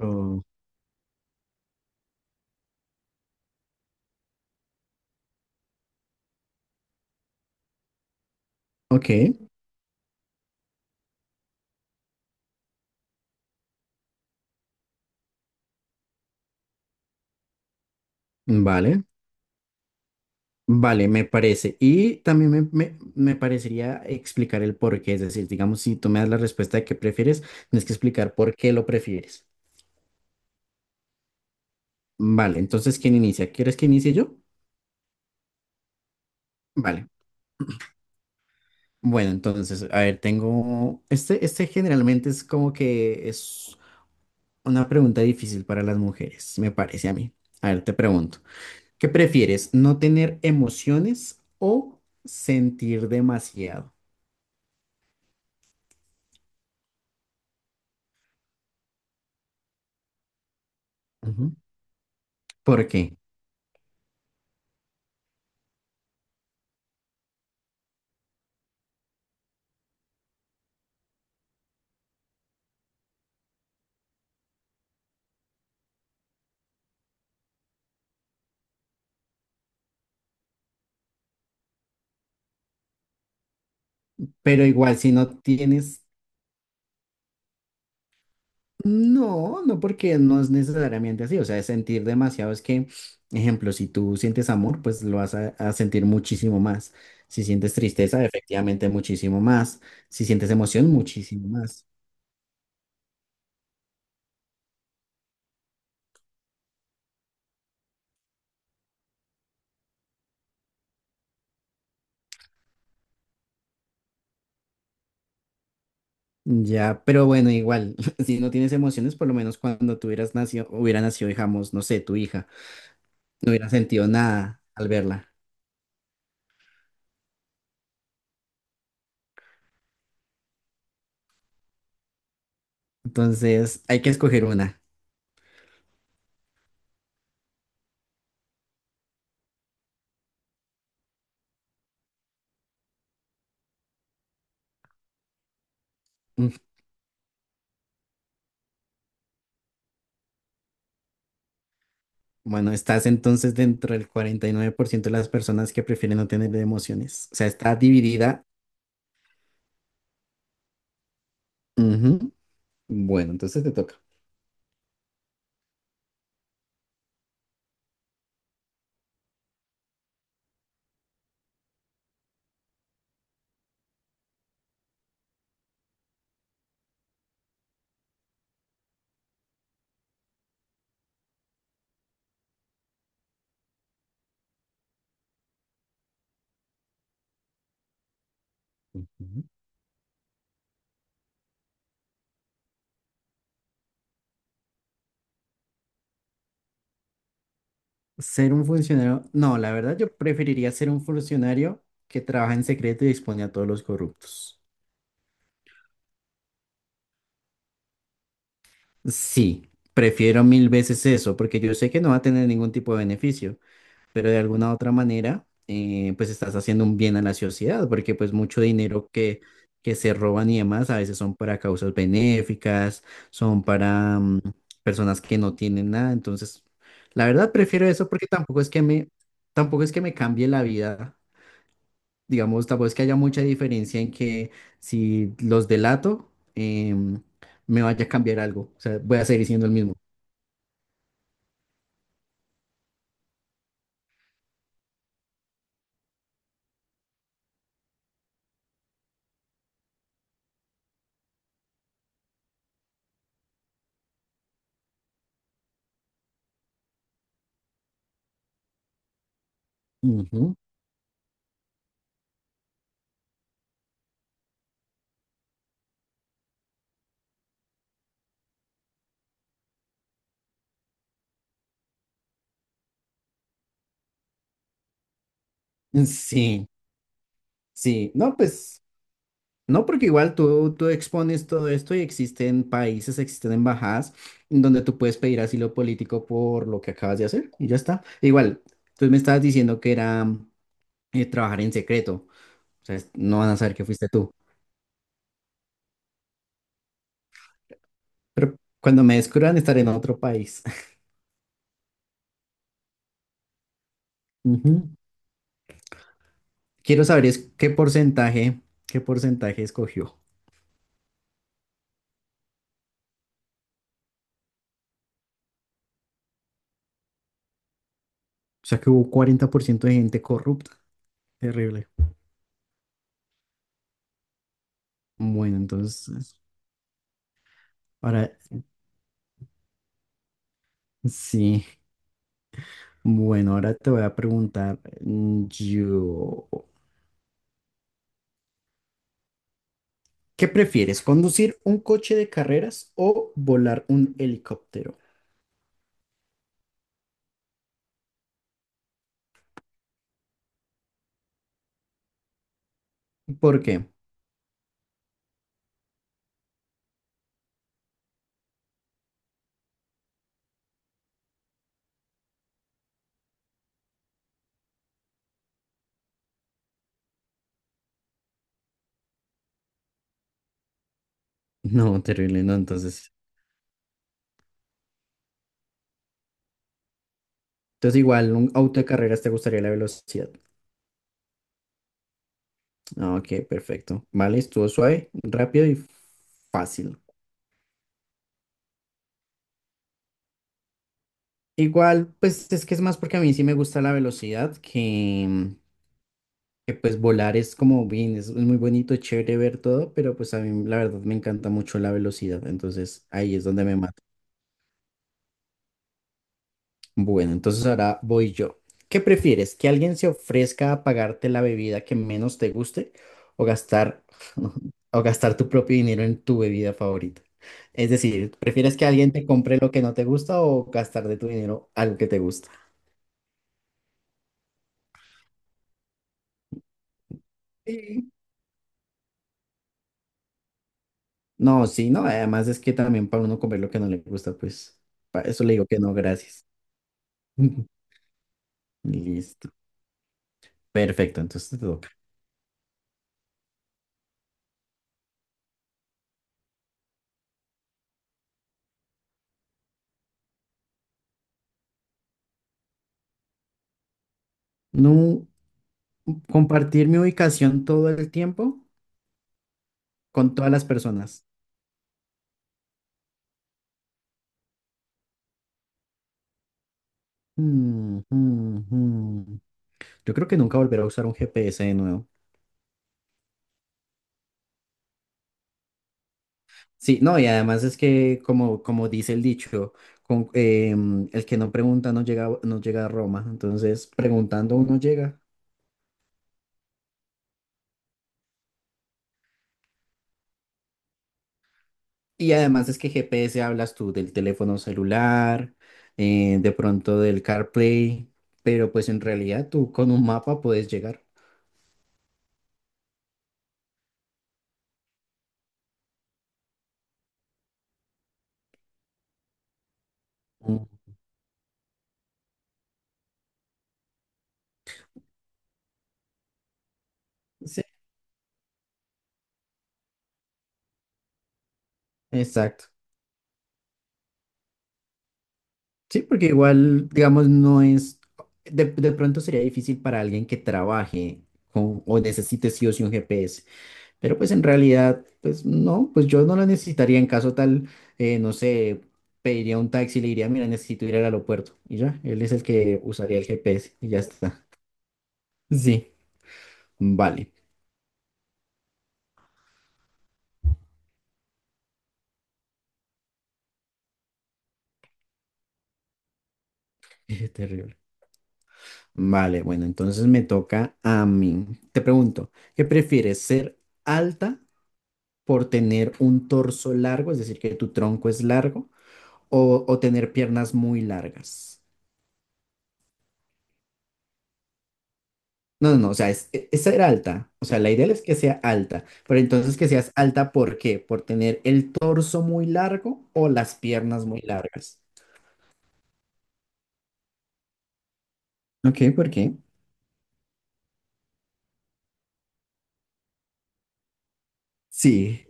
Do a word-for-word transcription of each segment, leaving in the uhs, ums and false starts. Oh, ok, vale, vale, me parece. Y también me, me- me parecería explicar el por qué, es decir, digamos, si tú me das la respuesta de qué prefieres, tienes que explicar por qué lo prefieres. Vale, entonces, ¿quién inicia? ¿Quieres que inicie yo? Vale, bueno, entonces, a ver, tengo, este, este generalmente es como que es una pregunta difícil para las mujeres, me parece a mí. A ver, te pregunto, ¿qué prefieres? ¿No tener emociones o sentir demasiado? Ujú. ¿Por qué? Pero igual si no tienes, no, no porque no es necesariamente así, o sea, es sentir demasiado es que, ejemplo, si tú sientes amor, pues lo vas a, a sentir muchísimo más. Si sientes tristeza, efectivamente muchísimo más. Si sientes emoción, muchísimo más. Ya, pero bueno, igual, si no tienes emociones, por lo menos cuando tú hubieras nacido, hubiera nacido, digamos, no sé, tu hija, no hubiera sentido nada al verla. Entonces, hay que escoger una. Bueno, estás entonces dentro del cuarenta y nueve por ciento de las personas que prefieren no tener emociones. O sea, está dividida. Ujú. Bueno, entonces te toca. Ujú. Ser un funcionario. No, la verdad yo preferiría ser un funcionario que trabaja en secreto y expone a todos los corruptos. Sí, prefiero mil veces eso, porque yo sé que no va a tener ningún tipo de beneficio. Pero de alguna otra manera, eh, pues estás haciendo un bien a la sociedad, porque pues mucho dinero que, que se roban y demás a veces son para causas benéficas, son para mm, personas que no tienen nada, entonces la verdad prefiero eso porque tampoco es que me, tampoco es que me cambie la vida, digamos, tampoco es que haya mucha diferencia en que si los delato, em, me vaya a cambiar algo, o sea, voy a seguir siendo el mismo. Ujú. Sí, sí, no, pues... No, porque igual tú, tú expones todo esto y existen países, existen embajadas en donde tú puedes pedir asilo político por lo que acabas de hacer y ya está. Igual, tú me estabas diciendo que era eh, trabajar en secreto, o sea, es- no van a saber que fuiste tú, pero cuando me descubran estaré en otro país. Ujú. Quiero saber es qué porcentaje, qué porcentaje escogió. O sea, que hubo cuarenta por ciento de gente corrupta. Terrible. Bueno, entonces, ahora sí. Bueno, ahora te voy a preguntar mm, yo, ¿qué prefieres, conducir un coche de carreras o volar un helicóptero? ¿Por qué? No, terrible, no, entonces. Entonces igual, un auto de carreras te gustaría la velocidad. Ah, ok, perfecto. Vale, estuvo suave, rápido y fácil. Igual, pues es que es más porque a mí sí me gusta la velocidad que, mm, que pues volar es como bien, es, es muy bonito, es chévere ver todo, pero pues a mí la verdad me encanta mucho la velocidad, entonces ahí es donde me mato. Bueno, entonces ahora voy yo. ¿Qué prefieres? ¿Que alguien se ofrezca a pagarte la bebida que menos te guste o gastar, o gastar tu propio dinero en tu bebida favorita? Es decir, ¿prefieres que alguien te compre lo que no te gusta o gastar de tu dinero algo que te gusta? Sí. No, sí, no, además es que también para uno comer lo que no le gusta, pues para eso le digo que no, gracias. Listo. Perfecto, entonces te toca. No compartir mi ubicación todo el tiempo con todas las personas. Mm, mm, mm. Yo creo que nunca volveré a usar un G P S de nuevo. Sí, no, y además es que como, como dice el dicho, con, em, el que no pregunta no llega, no llega a Roma. Entonces, preguntando uno llega. Y además es que G P S hablas tú del teléfono celular, eh, de pronto del CarPlay, pero pues en realidad tú con un mapa puedes llegar. Sí, exacto. Sí, porque igual, digamos, no es, de, de pronto sería difícil para alguien que trabaje con, o necesite sí o sí un G P S, pero pues en realidad, pues no, pues yo no lo necesitaría en caso tal, eh, no sé, pediría un taxi y le diría, mira, necesito ir al aeropuerto y ya, él es el que usaría el G P S y ya está. Sí, vale, terrible. Vale, bueno, entonces me toca a mí. Te pregunto, ¿qué prefieres, ser alta por tener un torso largo, es decir, que tu tronco es largo, o, o tener piernas muy largas? No, no, no, o sea, es, es ser alta. O sea, la idea es que sea alta, pero entonces que seas alta, ¿por qué? ¿Por tener el torso muy largo o las piernas muy largas? Ok, ¿por qué? Sí,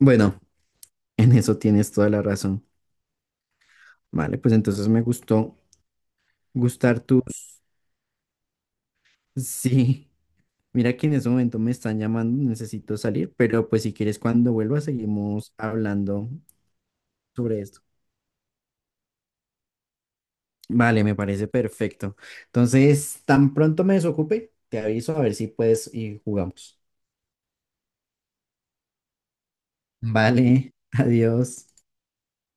bueno, en eso tienes toda la razón. Vale, pues entonces me gustó gustar tus... Sí, mira que en ese momento me están llamando, necesito salir, pero pues si quieres cuando vuelva seguimos hablando sobre esto. Vale, me parece perfecto. Entonces, tan pronto me desocupe, te aviso a ver si puedes y jugamos. Vale, adiós.